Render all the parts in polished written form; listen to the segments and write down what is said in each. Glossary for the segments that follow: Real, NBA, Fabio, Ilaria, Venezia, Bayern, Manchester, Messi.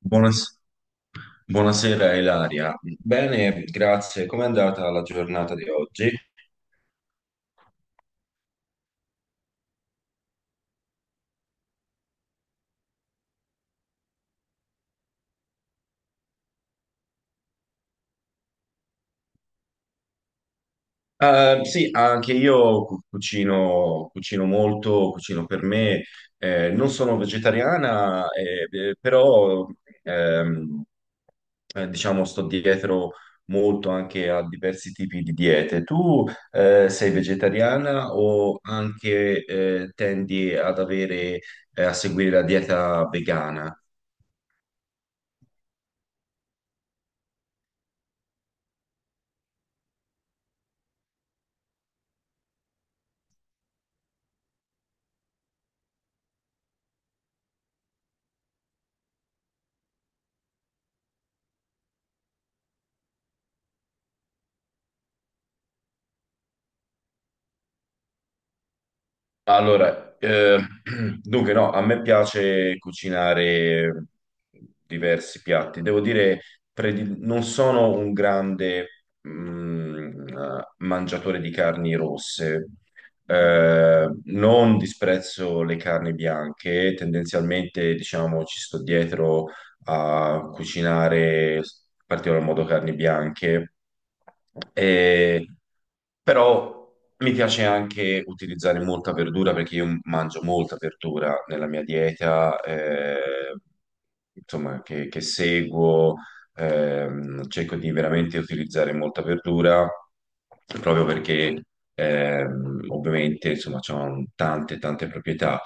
Buonas- Buonasera Ilaria. Bene, grazie. Com'è andata la giornata di oggi? Sì, anche io cucino, cucino molto, cucino per me. Non sono vegetariana, però ehm, diciamo sto dietro molto anche a diversi tipi di diete. Tu sei vegetariana o anche tendi ad avere, a seguire la dieta vegana? Allora, dunque no, a me piace cucinare diversi piatti. Devo dire, non sono un grande mangiatore di carni rosse. Non disprezzo le carni bianche, tendenzialmente, diciamo, ci sto dietro a cucinare in particolar modo carni bianche, e, però mi piace anche utilizzare molta verdura perché io mangio molta verdura nella mia dieta, insomma, che seguo, cerco di veramente utilizzare molta verdura proprio perché ovviamente insomma, c'hanno tante tante proprietà.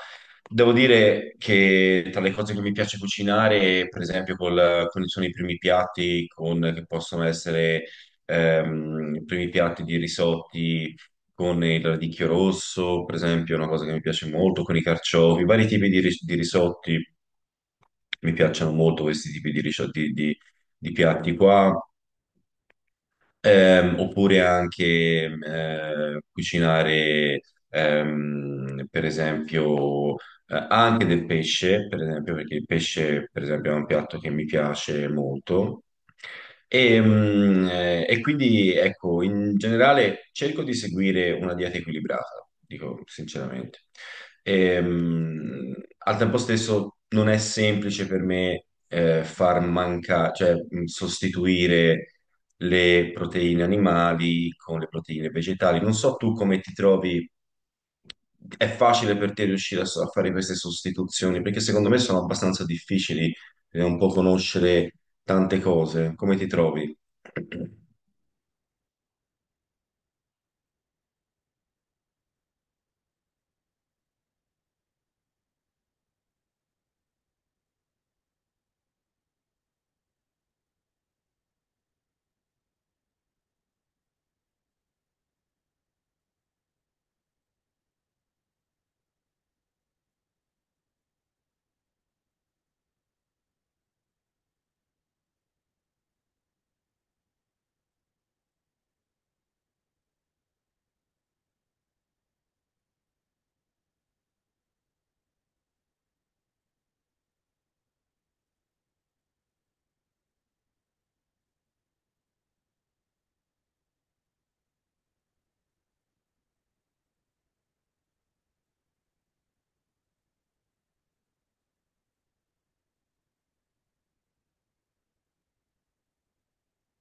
Devo dire che tra le cose che mi piace cucinare, per esempio, col, quali sono i primi piatti che possono essere i primi piatti di risotti con il radicchio rosso, per esempio, è una cosa che mi piace molto, con i carciofi, vari tipi di, di risotti. Mi piacciono molto questi tipi di, di piatti qua. Oppure anche cucinare, per esempio, anche del pesce, per esempio, perché il pesce, per esempio, è un piatto che mi piace molto. E quindi, ecco, in generale cerco di seguire una dieta equilibrata, dico sinceramente. Ehm, al tempo stesso non è semplice per me far mancare, cioè sostituire le proteine animali con le proteine vegetali. Non so tu come ti trovi, è facile per te riuscire a, a fare queste sostituzioni, perché secondo me sono abbastanza difficili e un po' conoscere tante cose. Come ti trovi?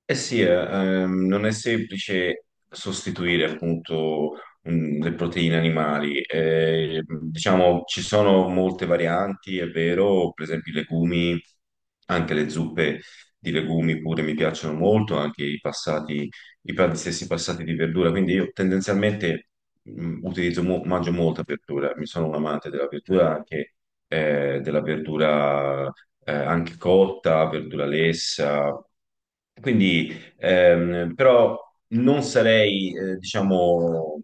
Eh sì, non è semplice sostituire appunto le proteine animali. Diciamo, ci sono molte varianti, è vero, per esempio i legumi, anche le zuppe di legumi pure mi piacciono molto, anche i passati, gli stessi passati di verdura, quindi io tendenzialmente mangio molta verdura, mi sono un amante della verdura anche cotta, verdura lessa. Quindi, però non sarei, diciamo,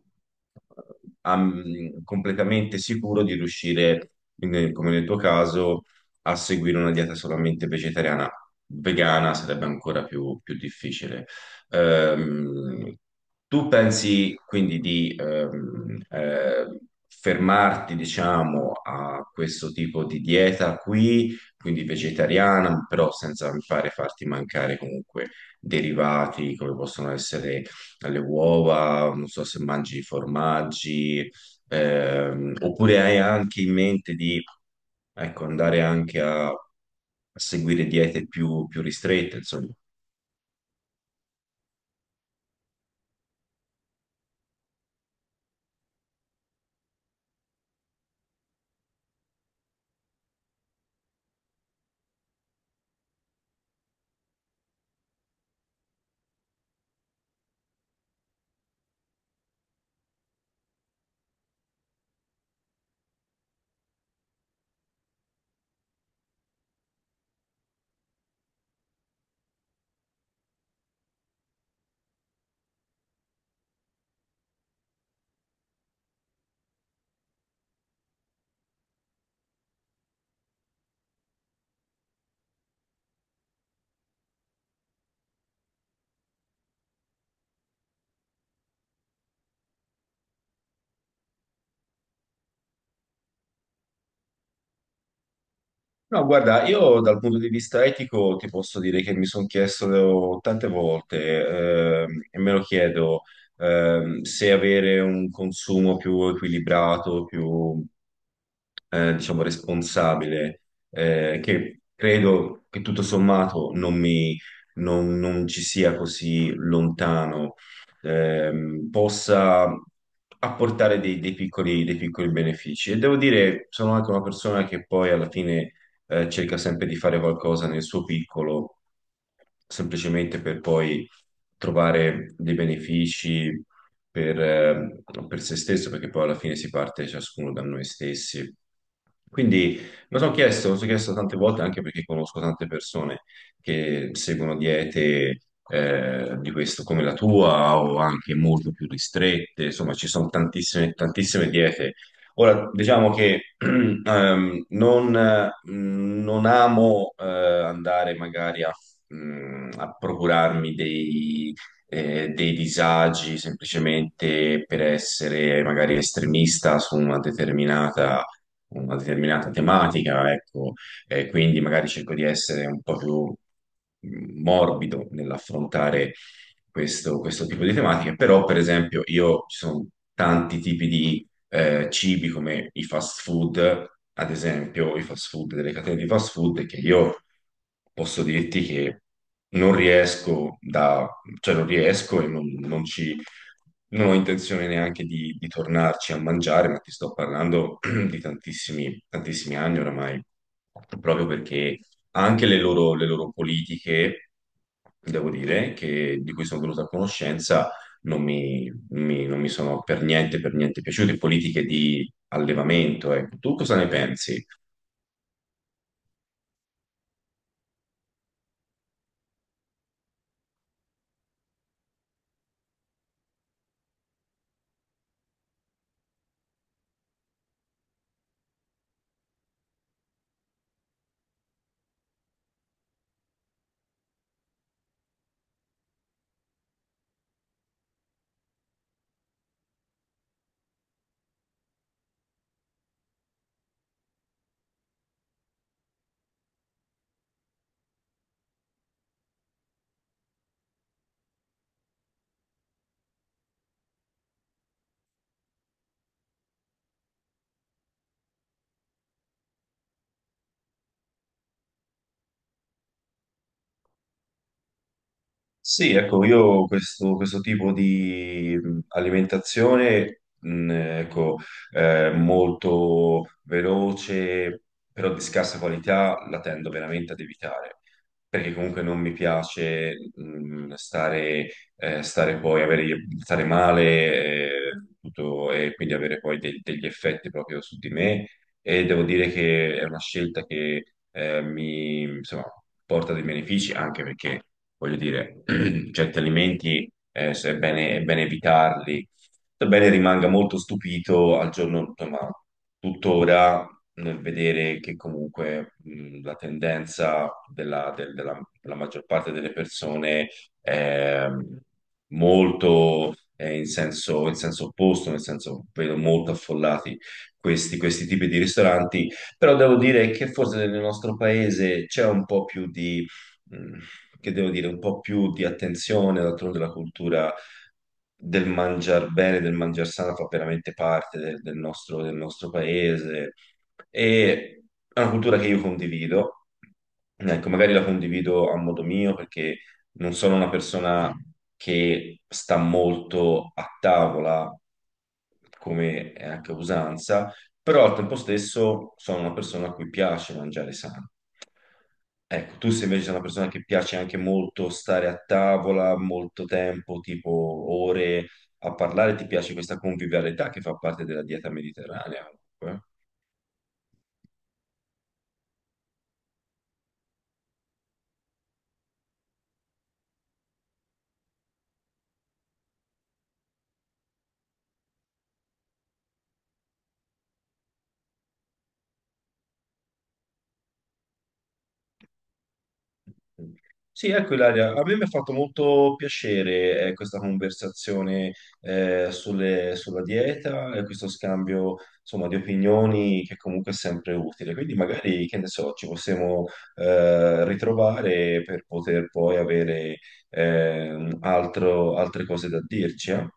completamente sicuro di riuscire, come nel tuo caso, a seguire una dieta solamente vegetariana. Vegana sarebbe ancora più difficile. Ehm, tu pensi quindi di fermarti, diciamo, a questo tipo di dieta qui, quindi vegetariana, però senza mi pare farti mancare comunque derivati come possono essere le uova, non so se mangi formaggi, oppure hai anche in mente di ecco, andare anche a seguire diete più ristrette, insomma. No, guarda, io dal punto di vista etico ti posso dire che mi sono chiesto tante volte, e me lo chiedo, se avere un consumo più equilibrato, più, diciamo, responsabile, che credo che tutto sommato non mi, non ci sia così lontano, possa apportare dei piccoli benefici. E devo dire, sono anche una persona che poi alla fine cerca sempre di fare qualcosa nel suo piccolo, semplicemente per poi trovare dei benefici per, eh, per se stesso, perché poi alla fine si parte ciascuno da noi stessi. Quindi me lo sono chiesto, me lo sono chiesto tante volte anche perché conosco tante persone che seguono diete di questo come la tua o anche molto più ristrette, insomma ci sono tantissime, tantissime diete. Ora, diciamo che non amo andare magari a procurarmi dei disagi semplicemente per essere magari estremista su una determinata tematica, ecco, e quindi magari cerco di essere un po' più morbido nell'affrontare questo, questo tipo di tematiche, però per esempio io ci sono tanti tipi di cibi come i fast food, ad esempio i fast food delle catene di fast food, che io posso dirti che non riesco da, cioè non riesco non ci, non ho intenzione neanche di tornarci a mangiare, ma ti sto parlando di tantissimi, tantissimi anni oramai, proprio perché anche le loro politiche, devo dire, che, di cui sono venuto a conoscenza, non mi, non mi sono per niente piaciute, politiche di allevamento, ecco. Tu cosa ne pensi? Sì, ecco, io questo, questo tipo di alimentazione, ecco, molto veloce, però di scarsa qualità, la tendo veramente ad evitare, perché comunque non mi piace, stare, stare male, tutto, e quindi avere poi degli effetti proprio su di me e devo dire che è una scelta che mi insomma, porta dei benefici anche perché, voglio dire, certi alimenti se è bene, è bene evitarli. Sebbene rimanga molto stupito al giorno, insomma, tuttora nel vedere che comunque la tendenza della maggior parte delle persone è molto in senso opposto, nel senso vedo molto affollati questi, questi tipi di ristoranti, però devo dire che forse nel nostro paese c'è un po' più di, mh, che devo dire, un po' più di attenzione, d'altronde la cultura del mangiar bene, del mangiar sano fa veramente parte del nostro paese e è una cultura che io condivido, ecco, magari la condivido a modo mio perché non sono una persona che sta molto a tavola, come è anche usanza, però al tempo stesso sono una persona a cui piace mangiare sano. Ecco, tu sei invece sei una persona che piace anche molto stare a tavola, molto tempo, tipo ore a parlare, ti piace questa convivialità che fa parte della dieta mediterranea. Comunque. Sì, ecco Ilaria, a me mi ha fatto molto piacere questa conversazione sulla dieta e questo scambio insomma, di opinioni che comunque è sempre utile. Quindi magari, che ne so, ci possiamo ritrovare per poter poi avere altre cose da dirci. Eh?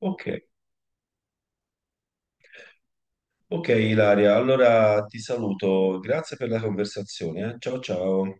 Ok, ok Ilaria, allora ti saluto, grazie per la conversazione. Eh. Ciao ciao.